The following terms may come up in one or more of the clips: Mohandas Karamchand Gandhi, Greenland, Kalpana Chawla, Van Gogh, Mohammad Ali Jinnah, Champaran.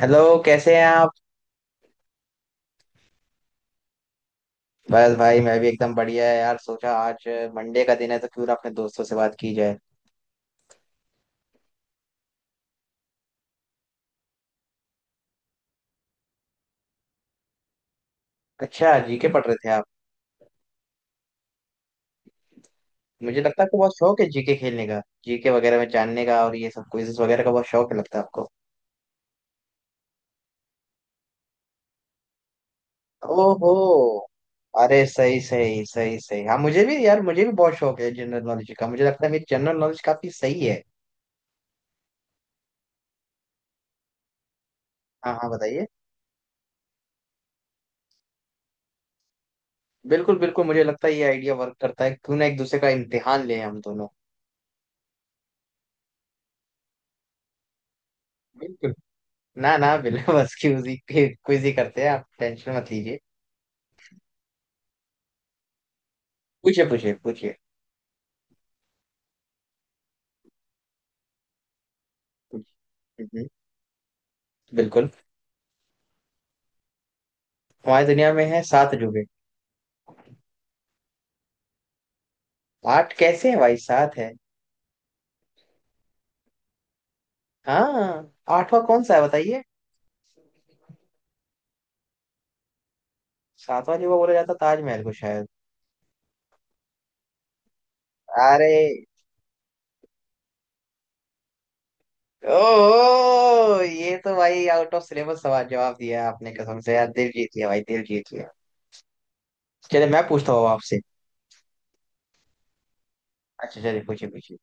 Hello, कैसे हैं आप? बस भाई मैं भी एकदम बढ़िया है यार। सोचा आज मंडे का दिन है तो क्यों ना अपने दोस्तों से बात की जाए। अच्छा, जीके पढ़ रहे थे आप? मुझे लगता है आपको बहुत शौक है जीके खेलने का, जीके वगैरह में जानने का, और ये सब क्विजेस वगैरह का बहुत शौक है लगता है आपको। ओहो, अरे सही सही सही सही। हाँ मुझे भी यार, मुझे भी बहुत शौक है जनरल नॉलेज का। मुझे लगता है मेरी जनरल नॉलेज काफी सही है। हाँ हाँ, बताइए। बिल्कुल बिल्कुल, मुझे लगता है ये आइडिया वर्क करता है। क्यों ना एक दूसरे का इम्तिहान लें हम दोनों। बिल्कुल। ना ना, बिल्कुल बस क्यूज ही, क्विज ही करते हैं, आप टेंशन मत लीजिए। पूछिए पूछिए पूछिए। पूछिए। हम्म, बिल्कुल। हमारी दुनिया में है सात जुगे। आठ कैसे है भाई, सात है। हाँ, आठवां कौन सा है बताइए? सातवां जुगा बोला जाता ताजमहल को शायद। अरे, ओ ये तो भाई आउट ऑफ सिलेबस सवाल जवाब दिया आपने, कसम से यार दिल जीत लिया भाई, दिल जीत लिया। चलिए मैं पूछता हूँ आपसे। अच्छा चलिए, पूछिए पूछिए।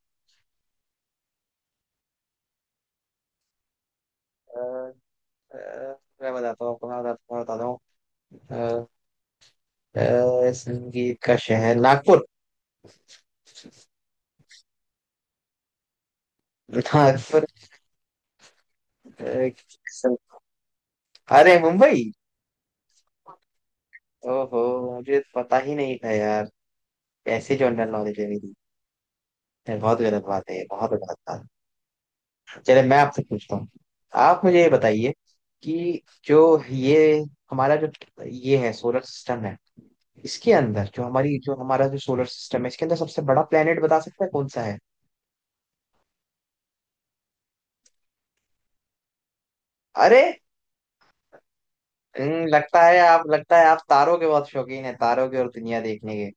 अ, अ, मैं बताता हूँ आपको, मैं बताता हूँ, मैं बताता हूँ अ, संगीत का शहर नागपुर। नागपुर। अ, सं- अरे मुंबई। ओहो, मुझे तो पता ही नहीं था यार। ऐसे जनरल नॉलेज है मेरी। ये बहुत गलत बात है, ये बहुत गलत बात है। चले मैं आपसे पूछता हूँ, आप मुझे ये बताइए कि जो ये हमारा जो, ये है सोलर सिस्टम है, इसके अंदर जो हमारी जो हमारा जो सोलर सिस्टम है, इसके अंदर सबसे बड़ा प्लेनेट बता सकते हैं कौन सा है? अरे, लगता है आप, लगता है आप तारों के बहुत शौकीन है, तारों के और दुनिया देखने के।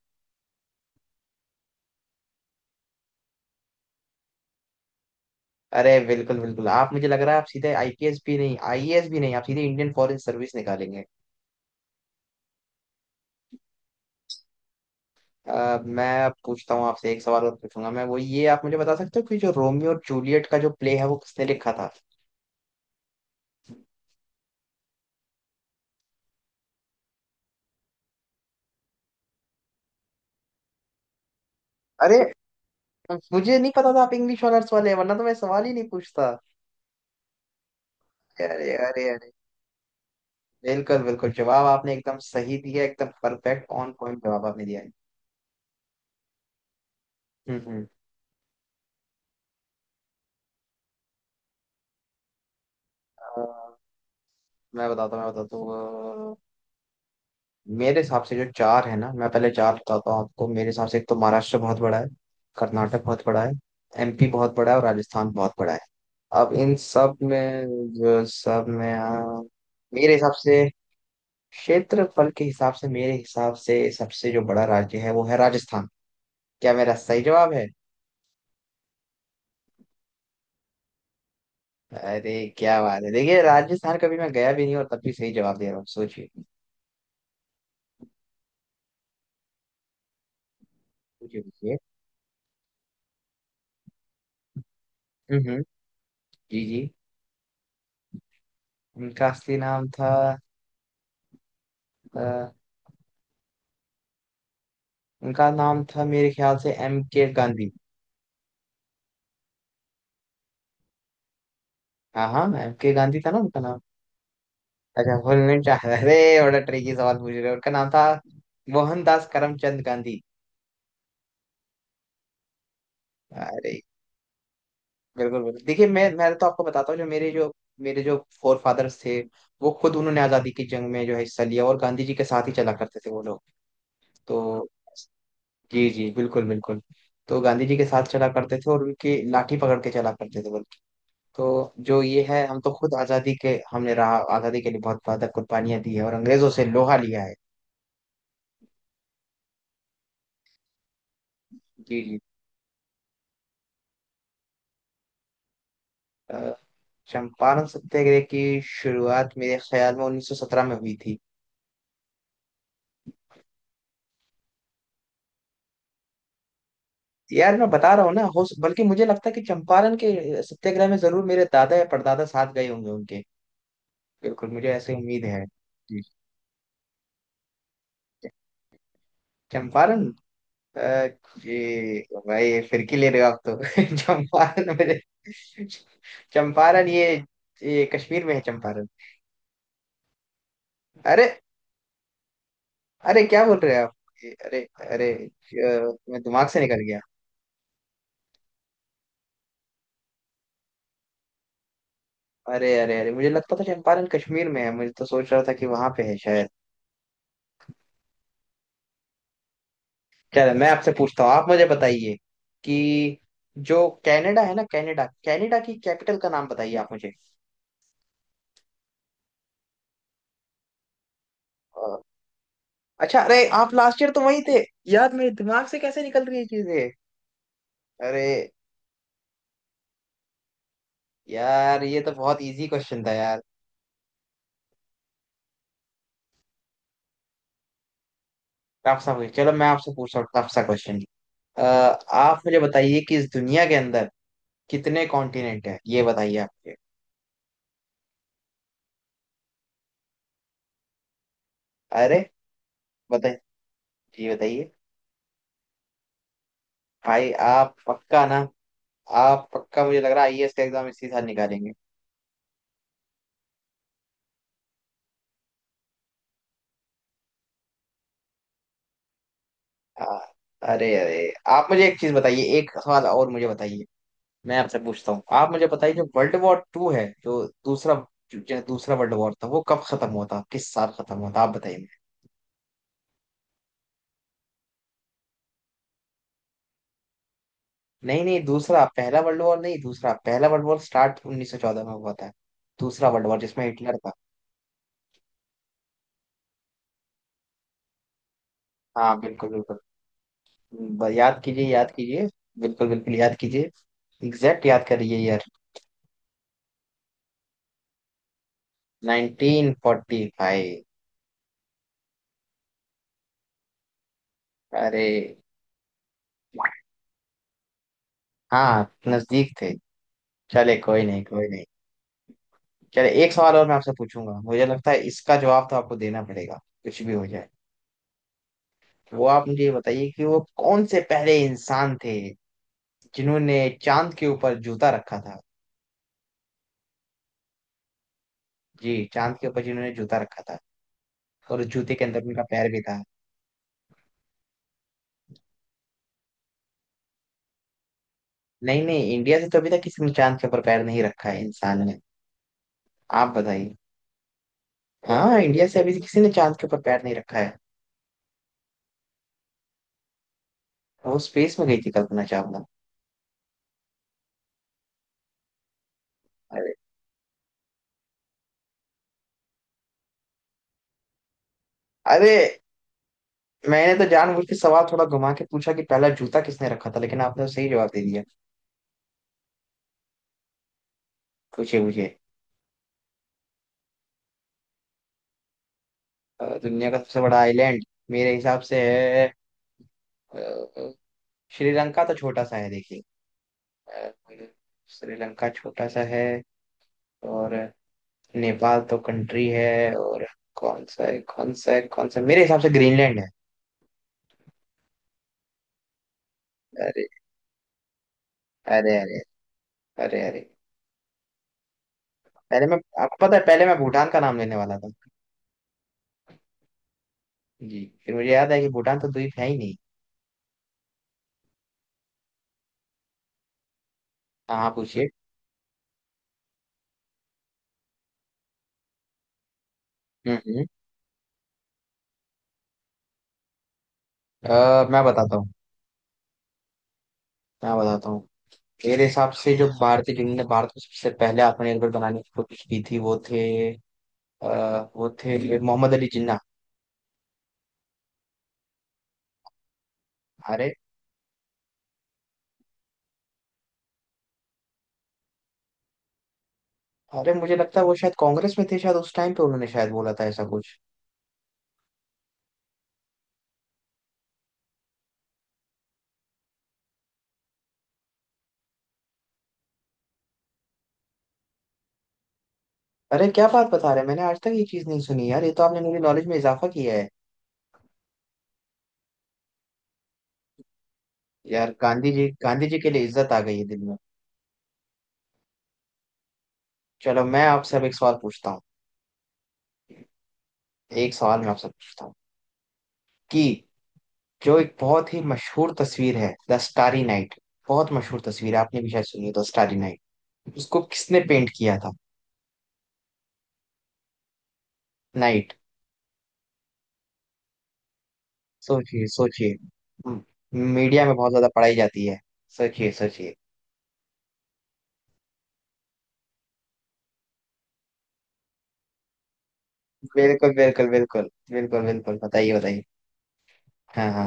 अरे बिल्कुल बिल्कुल, आप मुझे लग रहा है आप सीधे आईपीएस भी नहीं, आईएएस भी नहीं, आप सीधे इंडियन फॉरेन सर्विस निकालेंगे। मैं अब पूछता हूँ आपसे एक सवाल और पूछूंगा मैं, वो ये आप मुझे बता सकते हो कि जो रोमियो और जूलियट का जो प्ले है वो किसने लिखा था? अरे, मुझे नहीं पता था आप इंग्लिश ऑनर्स वाले हैं, वरना तो मैं सवाल ही नहीं पूछता। अरे अरे अरे, बिल्कुल बिल्कुल, जवाब आपने एकदम सही दिया, एकदम परफेक्ट ऑन पॉइंट जवाब आपने दिया है। हम्म। अ, मैं बताता हूँ, मैं बताता हूँ। मेरे हिसाब से जो चार है ना, मैं पहले चार बताता हूँ आपको। मेरे हिसाब से एक तो महाराष्ट्र बहुत बड़ा है, कर्नाटक बहुत बड़ा है, एमपी बहुत बड़ा है, और राजस्थान बहुत बड़ा है। अब इन सब में, जो सब में, मेरे हिसाब से, क्षेत्रफल के हिसाब से, मेरे हिसाब से सबसे जो बड़ा राज्य है वो है राजस्थान। क्या मेरा सही जवाब है? अरे क्या बात है, देखिए राजस्थान कभी मैं गया भी नहीं और तब भी सही जवाब दे रहा हूँ, सोचिए सोचिए सोचिए। हम्म हम्म, जी जी। उनका असली नाम था, उनका नाम था मेरे ख्याल से एम के गांधी। हाँ हाँ, एम के गांधी था ना उनका नाम। अच्छा भूलने चाह रहा, अरे बड़ा ट्रिकी सवाल पूछ रहे हो। उनका नाम था मोहनदास करमचंद गांधी। अरे बिल्कुल बिल्कुल, देखिए मैं तो आपको बताता हूँ, जो मेरे जो मेरे जो फोर फादर्स थे, वो खुद उन्होंने आजादी की जंग में जो है हिस्सा लिया और गांधी जी के साथ ही चला करते थे वो लोग। तो जी जी बिल्कुल बिल्कुल। तो गांधी जी के साथ चला करते थे और उनकी लाठी पकड़ के चला करते थे वो लोग। तो जो ये है, हम तो खुद आजादी के, हमने रहा आजादी के लिए बहुत बहुत कुर्बानियां दी है और अंग्रेजों से लोहा लिया है। जी जी। अ, चंपारण सत्याग्रह की शुरुआत मेरे ख्याल में 1917 में हुई थी। यार मैं बता रहा हूँ ना, हो बल्कि मुझे लगता है कि चंपारण के सत्याग्रह में जरूर मेरे दादा या परदादा साथ गए होंगे उनके। बिल्कुल, मुझे ऐसी उम्मीद है। जी। चंपारण, अ, ये, भाई फिरकी ले रहे हो आप तो चंपारण मेरे, चंपारण, ये कश्मीर में है चंपारण। अरे अरे, क्या बोल रहे हैं आप? अरे अरे, मैं दिमाग से निकल गया। अरे अरे अरे, मुझे लगता था चंपारण कश्मीर में है, मुझे तो सोच रहा था कि वहां पे है शायद। चलो मैं आपसे पूछता हूँ, आप मुझे बताइए कि जो कनाडा है ना, कनाडा कनाडा की कैपिटल का नाम बताइए आप मुझे। अ, अच्छा, अरे आप लास्ट ईयर तो वहीं थे। यार मेरे दिमाग से कैसे निकल रही है चीजें। अरे यार, ये तो बहुत इजी क्वेश्चन था यार। टफ सा क्वेश्चन, चलो मैं आपसे पूछता हूँ टफ सा क्वेश्चन। आप मुझे बताइए कि इस दुनिया के अंदर कितने कॉन्टिनेंट है, ये बताइए आपके। अरे, बताइए, जी बताइए। भाई आप पक्का ना? आप पक्का, मुझे लग रहा है आईएएस का एग्जाम इसी साल निकालेंगे। आ, अरे अरे, आप मुझे एक चीज बताइए, एक सवाल और मुझे बताइए। मैं आपसे पूछता हूँ, आप मुझे बताइए जो वर्ल्ड वॉर टू है, जो दूसरा, जो दूसरा वर्ल्ड वॉर था वो कब खत्म हुआ था, किस साल खत्म हुआ था आप बताइए मुझे। नहीं नहीं दूसरा, पहला वर्ल्ड वॉर नहीं, दूसरा। पहला वर्ल्ड वॉर स्टार्ट 1914 में हुआ था, दूसरा वर्ल्ड वॉर जिसमें हिटलर था। हाँ बिल्कुल बिल्कुल, याद कीजिए, याद कीजिए, बिल्कुल बिल्कुल, याद कीजिए एग्जैक्ट, याद करिए यार। 1945। अरे, हाँ नजदीक थे। चले कोई नहीं, कोई नहीं। चले, एक सवाल और मैं आपसे पूछूंगा, मुझे लगता है इसका जवाब तो आपको देना पड़ेगा कुछ भी हो जाए। वो आप मुझे ये बताइए कि वो कौन से पहले इंसान थे जिन्होंने चांद के ऊपर जूता रखा था। जी, चांद के ऊपर जिन्होंने जूता रखा था, और उस जूते के अंदर उनका पैर भी था। नहीं नहीं, इंडिया से तो अभी तक किसी ने चांद के ऊपर पैर नहीं रखा है, इंसान ने। आप बताइए। हाँ इंडिया से अभी किसी ने चांद के ऊपर पैर नहीं रखा है। वो स्पेस में गई थी कल्पना चावला। अरे अरे, मैंने तो जानबूझ के सवाल थोड़ा घुमा के पूछा कि पहला जूता किसने रखा था, लेकिन आपने तो सही जवाब दे दिया। पूछे मुझे। दुनिया का सबसे बड़ा आइलैंड मेरे हिसाब से है, अ, श्रीलंका तो छोटा सा है देखिए, अ, श्रीलंका छोटा सा है, और नेपाल तो कंट्री है, और कौन सा है, कौन सा है, कौन सा? मेरे हिसाब से ग्रीनलैंड है। अरे अरे अरे, अरे अरे, पहले मैं, आपको पता है पहले मैं भूटान का नाम लेने वाला था। जी, फिर मुझे याद है कि भूटान तो द्वीप है ही नहीं। हाँ हाँ, पूछिए। हम्म हम्म। मैं बताता हूँ, मैं बताता हूँ। मेरे हिसाब से जो भारतीय जिन्होंने भारत को सबसे पहले आत्मनिर्भर बनाने की कोशिश की थी वो थे, वो थे मोहम्मद अली जिन्ना। अरे अरे, मुझे लगता है वो शायद कांग्रेस में थे शायद, उस टाइम पे उन्होंने शायद बोला था ऐसा कुछ। अरे क्या बात बता रहे हैं, मैंने आज तक ये चीज नहीं सुनी यार, ये तो आपने मेरी नॉलेज में इजाफा किया है। यार गांधी जी, गांधी जी के लिए इज्जत आ गई है दिल में। चलो मैं आपसे अब एक सवाल पूछता हूँ, एक सवाल मैं आपसे पूछता हूँ कि जो एक बहुत ही मशहूर तस्वीर है द स्टारी नाइट, बहुत मशहूर तस्वीर है, आपने भी शायद सुनी है द स्टारी नाइट, उसको किसने पेंट किया था? नाइट। सोचिए सोचिए। हम्म, मीडिया में बहुत ज्यादा पढ़ाई जाती है। सोचिए सोचिए। बिल्कुल बिल्कुल बिल्कुल, बिल्कुल बिल्कुल, बताइए बताइए। हाँ हाँ।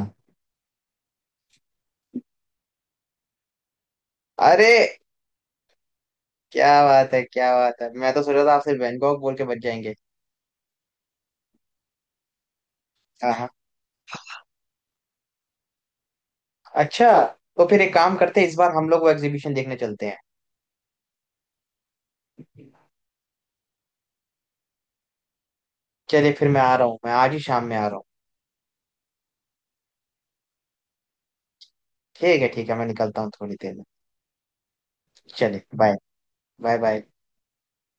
अरे क्या बात है, क्या बात है, मैं तो सोच रहा था आपसे वैन गॉग बोल के बच जाएंगे। हाँ, हाँ। अच्छा, तो फिर एक काम करते हैं, इस बार हम लोग वो एग्जीबिशन देखने चलते हैं। चलिए फिर मैं आ रहा हूँ, मैं आज ही शाम में आ रहा हूँ। ठीक है ठीक है, मैं निकलता हूँ थोड़ी देर में। चलिए बाय, बाय बाय।